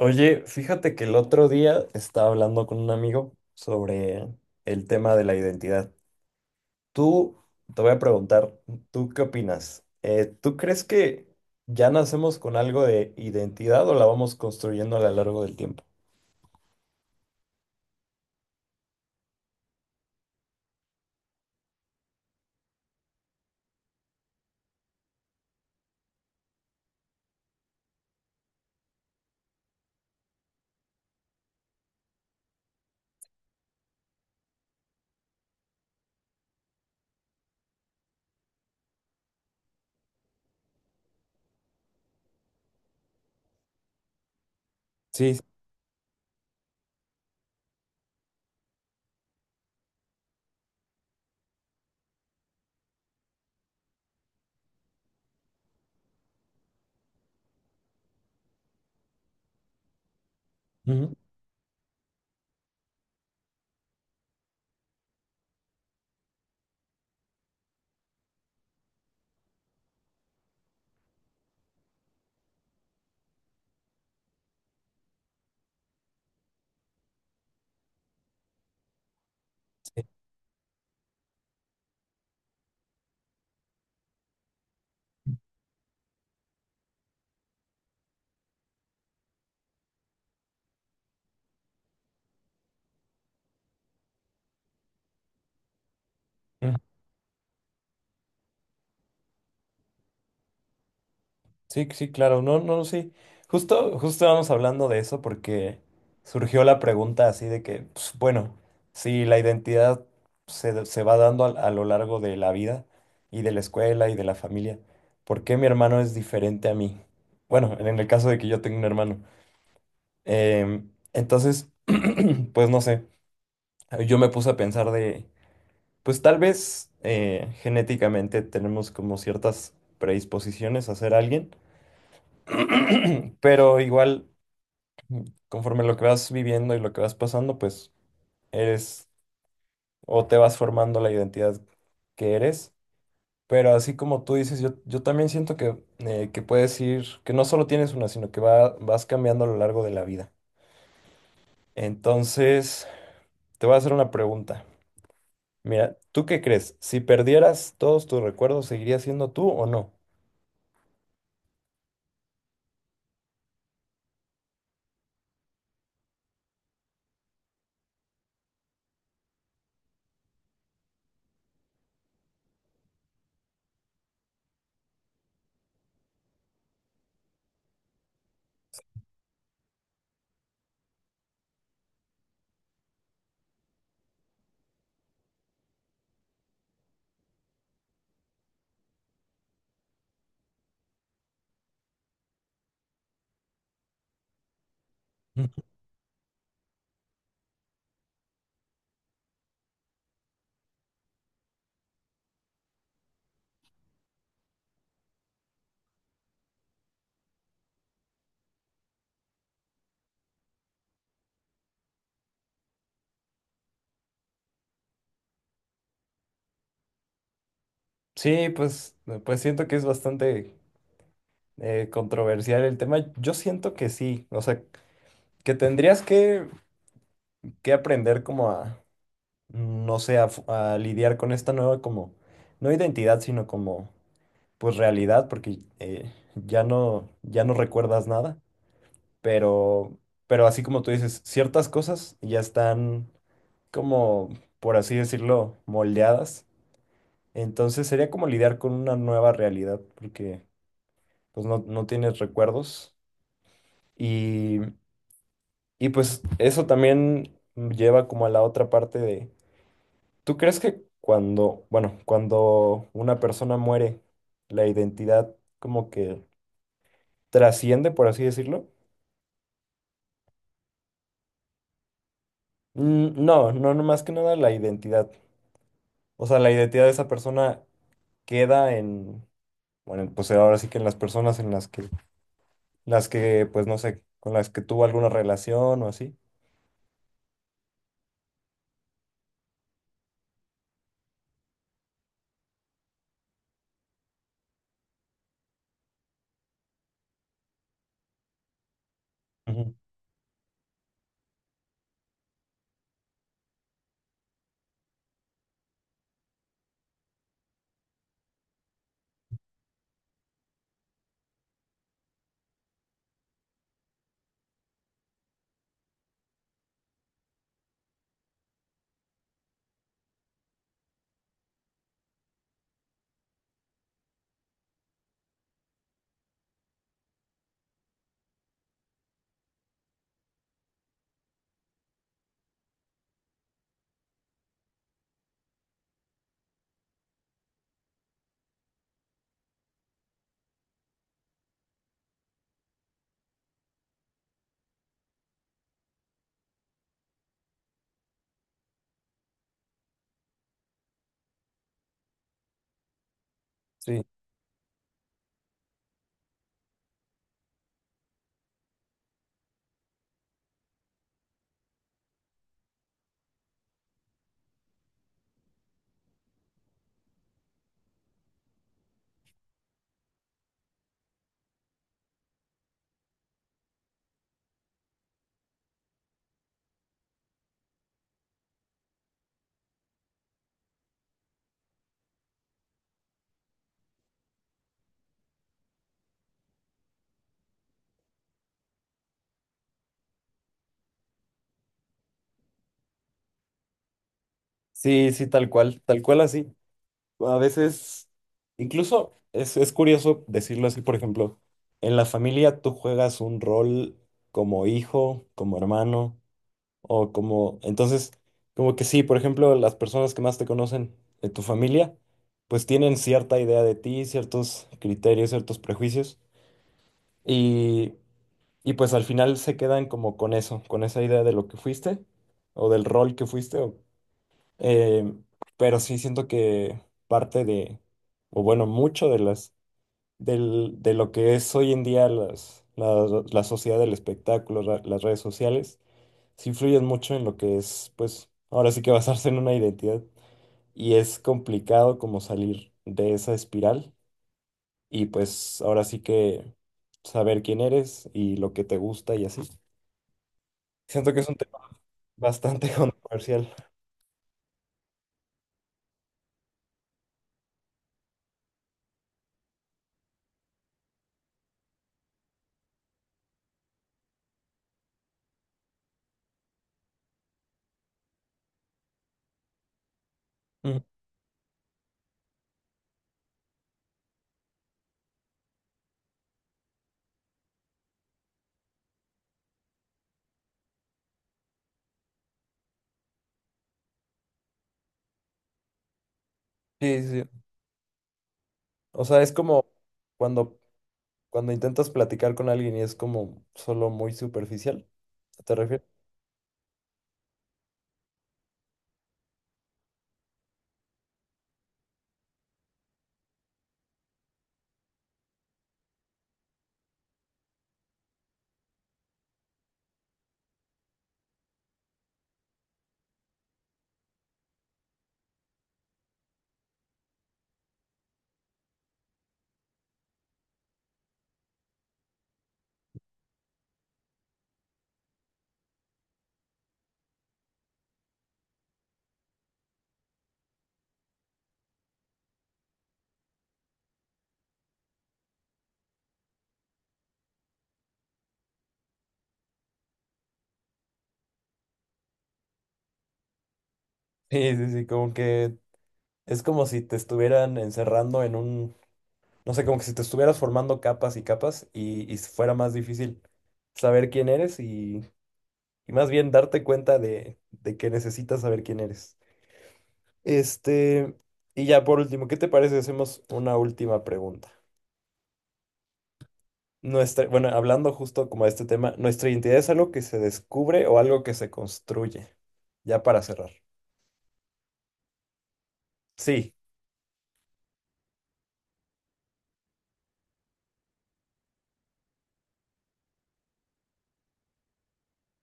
Oye, fíjate que el otro día estaba hablando con un amigo sobre el tema de la identidad. Tú, Te voy a preguntar, ¿tú qué opinas? ¿Tú crees que ya nacemos con algo de identidad o la vamos construyendo a lo largo del tiempo? Sí, sí. Ujú, sí. Sí, sí, claro, no, no, sí. Justo, justo vamos hablando de eso porque surgió la pregunta así de que, pues, bueno, si la identidad se va dando a lo largo de la vida y de la escuela y de la familia, ¿por qué mi hermano es diferente a mí? Bueno, en el caso de que yo tenga un hermano. Entonces, pues no sé, yo me puse a pensar de, pues tal vez genéticamente tenemos como ciertas predisposiciones a ser alguien. Pero igual, conforme lo que vas viviendo y lo que vas pasando, pues eres o te vas formando la identidad que eres. Pero así como tú dices, yo también siento que puedes ir, que no solo tienes una, sino que vas cambiando a lo largo de la vida. Entonces, te voy a hacer una pregunta. Mira, ¿tú qué crees? Si perdieras todos tus recuerdos, ¿seguirías siendo tú o no? Sí, pues, pues siento que es bastante controversial el tema. Yo siento que sí. O sea, que tendrías que aprender como a, no sé, a, a lidiar con esta nueva como, no identidad, sino como, pues realidad, porque ya no recuerdas nada, pero, pero así como tú dices, ciertas cosas ya están como, por así decirlo, moldeadas. Entonces sería como lidiar con una nueva realidad, porque pues no, no tienes recuerdos y, y pues eso también lleva como a la otra parte de ¿tú crees que cuando, bueno, cuando una persona muere, la identidad como que trasciende, por así decirlo? No, no, no más que nada la identidad. O sea, la identidad de esa persona queda en, bueno, pues ahora sí que en las personas en las que, pues no sé, con las que tuvo alguna relación o así. Ujú. Sí, sí, sí, tal cual así. A veces, incluso es curioso decirlo así, por ejemplo, en la familia tú juegas un rol como hijo, como hermano, o como... Entonces, como que sí, por ejemplo, las personas que más te conocen de tu familia, pues tienen cierta idea de ti, ciertos criterios, ciertos prejuicios, y, y pues al final se quedan como con eso, con esa idea de lo que fuiste, o del rol que fuiste, eh, pero sí siento que parte de, o bueno, mucho de de lo que es hoy en día la sociedad del espectáculo, las redes sociales, sí influyen mucho en lo que es, pues, ahora sí que basarse en una identidad. Y es complicado como salir de esa espiral y pues ahora sí que saber quién eres y lo que te gusta y así. Siento que es un tema bastante controversial. Ujú. Sí, sí, sí. O sea, es como cuando Cuando intentas platicar con alguien y es como solo muy superficial, ¿te refieres? Sí, sí, sí, como que es como si te estuvieran encerrando en un, no sé, como que si te estuvieras formando capas y capas y fuera más difícil saber quién eres y más bien darte cuenta de que necesitas saber quién eres. Este, y ya por último, ¿qué te parece si hacemos una última pregunta? Nuestra, bueno, hablando justo como de este tema, ¿nuestra identidad es algo que se descubre o algo que se construye? Ya para cerrar. Sí,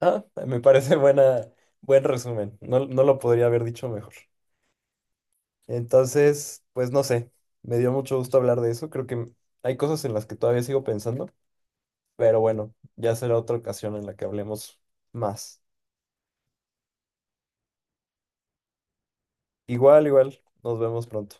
ah, me parece buen resumen. No, no lo podría haber dicho mejor. Entonces, pues no sé, me dio mucho gusto hablar de eso. Creo que hay cosas en las que todavía sigo pensando, pero bueno, ya será otra ocasión en la que hablemos más. Igual, igual, nos vemos pronto.